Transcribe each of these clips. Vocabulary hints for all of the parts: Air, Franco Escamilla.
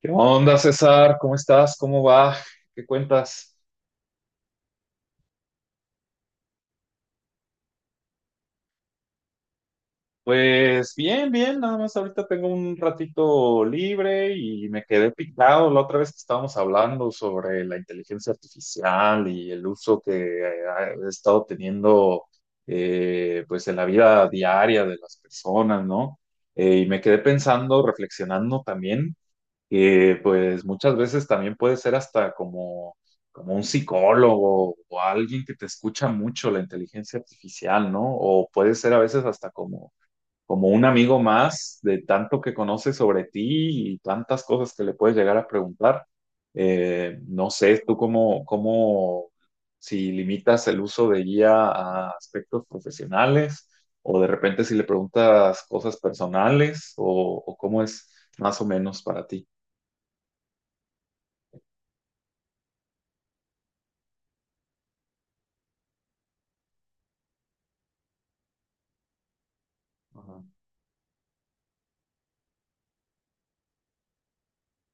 ¿Qué onda, César? ¿Cómo estás? ¿Cómo va? ¿Qué cuentas? Pues bien, bien, nada más ahorita tengo un ratito libre y me quedé picado la otra vez que estábamos hablando sobre la inteligencia artificial y el uso que ha estado teniendo, pues en la vida diaria de las personas, ¿no? Y me quedé pensando, reflexionando también que pues muchas veces también puede ser hasta como, como un psicólogo o alguien que te escucha mucho la inteligencia artificial, ¿no? O puede ser a veces hasta como, como un amigo más de tanto que conoce sobre ti y tantas cosas que le puedes llegar a preguntar. No sé, tú cómo, si limitas el uso de guía a aspectos profesionales o de repente si le preguntas cosas personales o cómo es más o menos para ti. Ajá,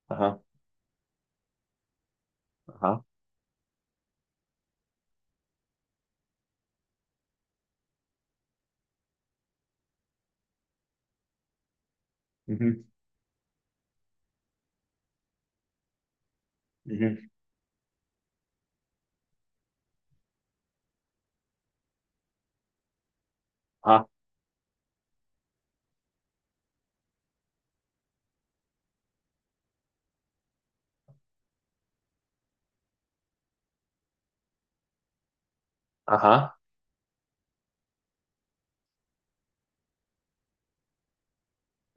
ajá, ajá, ujú, ujú, ajá, ajá,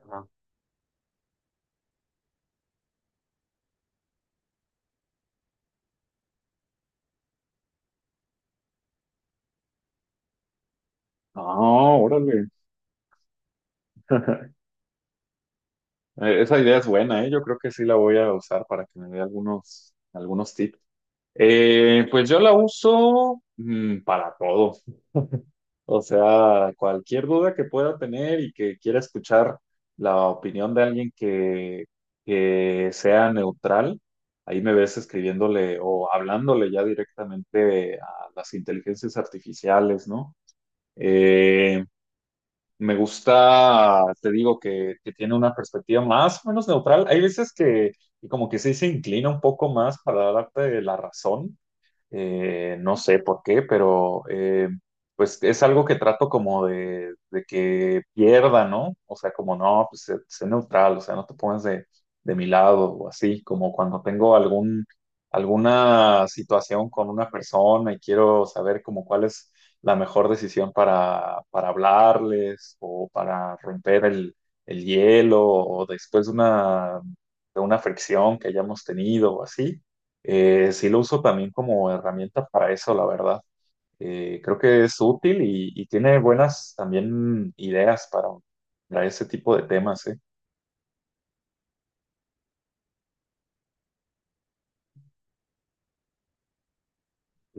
ajá. Ah, órale. Esa idea es buena, ¿eh? Yo creo que sí la voy a usar para que me dé algunos, algunos tips. Pues yo la uso para todo. O sea, cualquier duda que pueda tener y que quiera escuchar la opinión de alguien que sea neutral, ahí me ves escribiéndole o hablándole ya directamente a las inteligencias artificiales, ¿no? Eh, Me gusta, te digo, que tiene una perspectiva más o menos neutral. Hay veces que y como que sí se inclina un poco más para darte la razón, no sé por qué, pero pues es algo que trato como de que pierda, ¿no? O sea, como no, pues sé neutral, o sea, no te pongas de mi lado o así, como cuando tengo algún, alguna situación con una persona y quiero saber como cuál es la mejor decisión para hablarles o para romper el hielo o después de una fricción que hayamos tenido o así. Sí lo uso también como herramienta para eso, la verdad. Creo que es útil y tiene buenas también ideas para ese tipo de temas, ¿eh?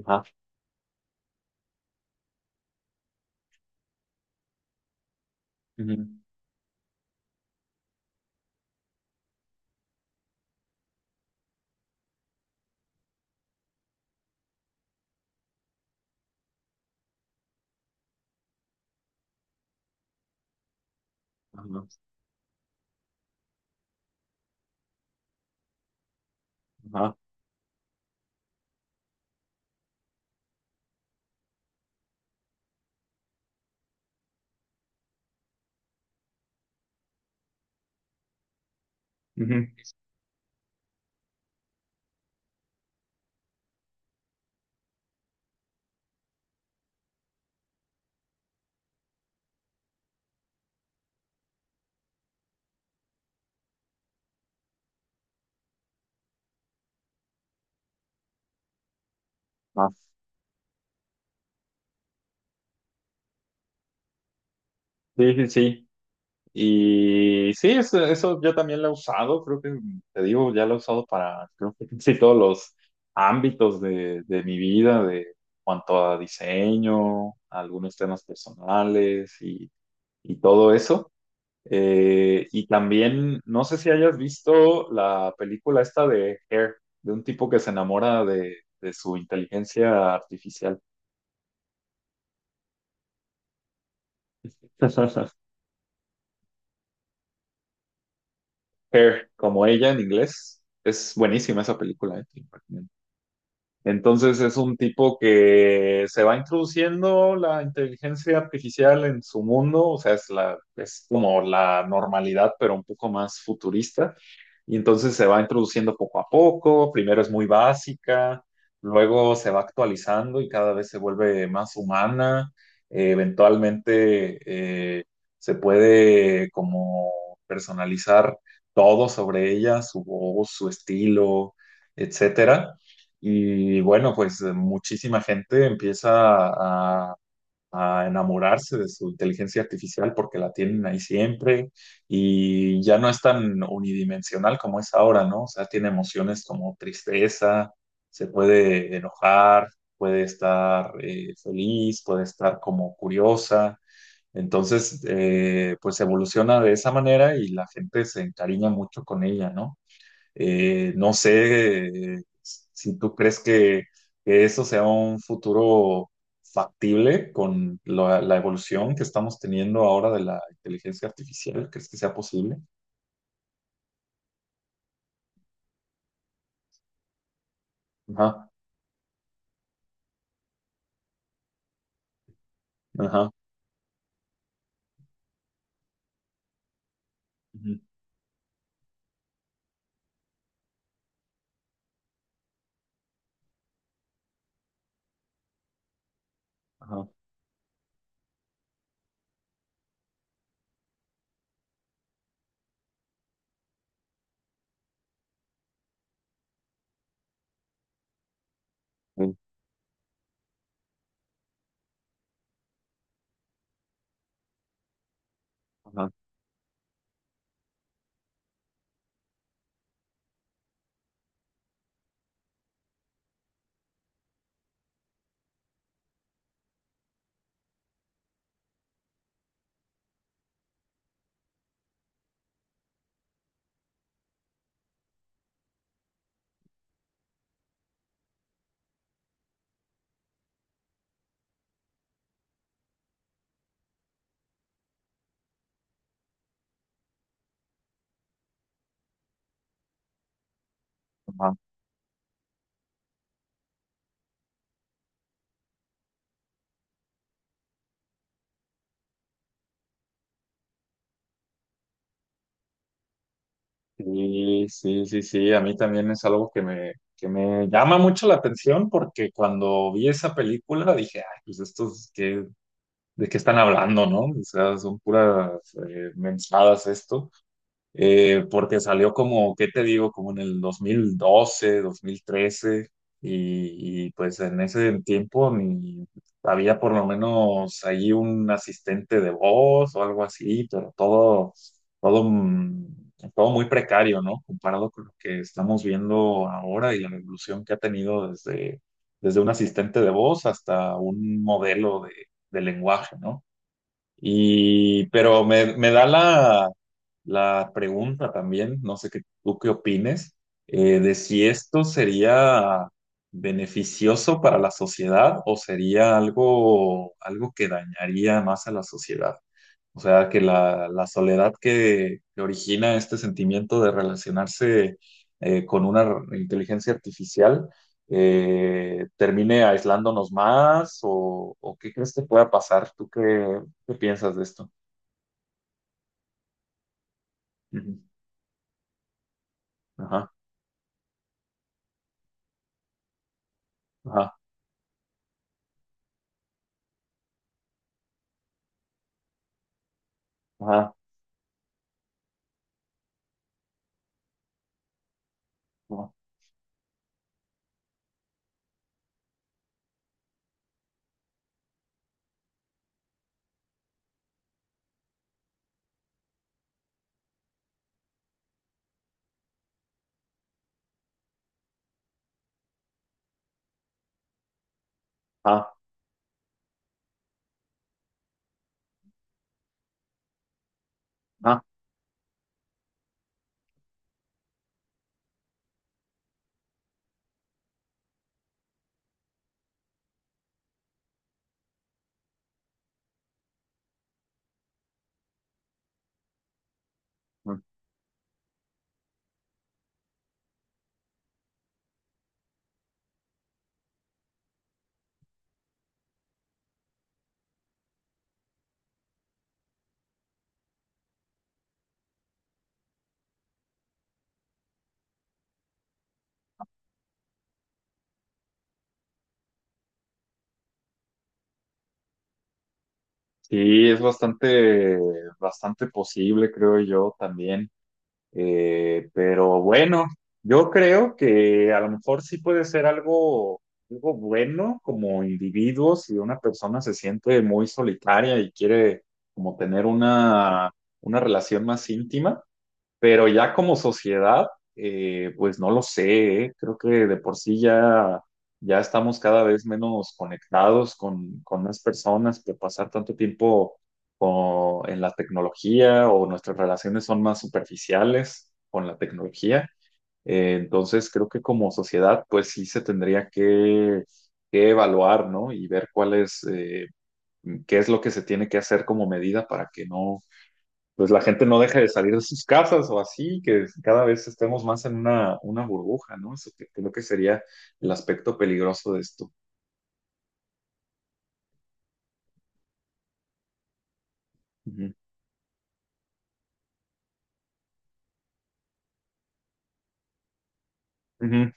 Ajá, ujú, ajá, ajá, ujú, ajá. Sí, sí, sí. Y sí, eso yo también lo he usado, creo que te digo, ya lo he usado para creo que casi todos los ámbitos de mi vida, de cuanto a diseño, algunos temas personales y todo eso. Y también, no sé si hayas visto la película esta de Air, de un tipo que se enamora de su inteligencia artificial. Hair, como ella en inglés. Es buenísima esa película, ¿eh? Entonces es un tipo que se va introduciendo la inteligencia artificial en su mundo, o sea, es la, es como la normalidad, pero un poco más futurista. Y entonces se va introduciendo poco a poco, primero es muy básica, luego se va actualizando y cada vez se vuelve más humana. Eventualmente eh, se puede como personalizar todo sobre ella, su voz, su estilo, etcétera. Y bueno, pues muchísima gente empieza a, a enamorarse de su inteligencia artificial porque la tienen ahí siempre y ya no es tan unidimensional como es ahora, ¿no? O sea, tiene emociones como tristeza, se puede enojar, puede estar feliz, puede estar como curiosa. Entonces, pues evoluciona de esa manera y la gente se encariña mucho con ella, ¿no? No sé si tú crees que eso sea un futuro factible con la, la evolución que estamos teniendo ahora de la inteligencia artificial. ¿Crees que sea posible? Ajá, ajá, ujú, ajá, sí, ajá, ajá. Sí, sí, sí, sí, a mí también es algo que me llama mucho la atención porque cuando vi esa película dije, ay, pues estos, ¿qué, de qué están hablando, no? O sea, son puras mensadas esto. Porque salió como, ¿qué te digo? Como en el 2012, 2013, y, pues en ese tiempo ni había por lo menos ahí un asistente de voz o algo así, pero todo, todo, todo muy precario, ¿no? Comparado con lo que estamos viendo ahora y la evolución que ha tenido desde, desde un asistente de voz hasta un modelo de lenguaje, ¿no? Y, pero me da la, la pregunta también, no sé qué, tú qué opines, de si esto sería beneficioso para la sociedad o sería algo, algo que dañaría más a la sociedad. O sea, que la soledad que origina este sentimiento de relacionarse con una inteligencia artificial termine aislándonos más o qué crees que pueda pasar. ¿Qué piensas de esto? Ujú. Ajá, ajá, ajá, ajá, ajá, ajá. Mm. Sí, es bastante, bastante posible, creo yo también. Pero bueno, yo creo que a lo mejor sí puede ser algo, algo bueno como individuo si una persona se siente muy solitaria y quiere como tener una relación más íntima. Pero ya como sociedad, pues no lo sé, ¿eh? Creo que de por sí ya estamos cada vez menos conectados con las personas, que pasar tanto tiempo en la tecnología o nuestras relaciones son más superficiales con la tecnología. Entonces creo que como sociedad, pues sí se tendría que evaluar, ¿no? Y ver cuál es, qué es lo que se tiene que hacer como medida para que no pues la gente no deje de salir de sus casas o así, que cada vez estemos más en una burbuja, ¿no? Creo que sería el aspecto peligroso de esto. Ujú. Ujú.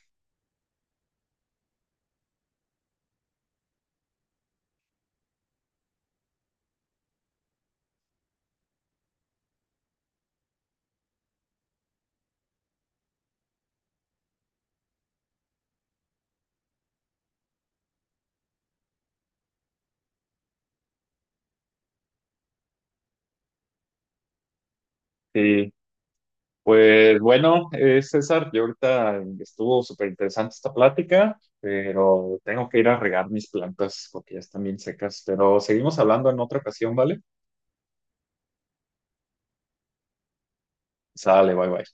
Sí. Pues bueno, César, yo ahorita estuvo súper interesante esta plática, pero tengo que ir a regar mis plantas porque ya están bien secas, pero seguimos hablando en otra ocasión, ¿vale? Sale, bye bye.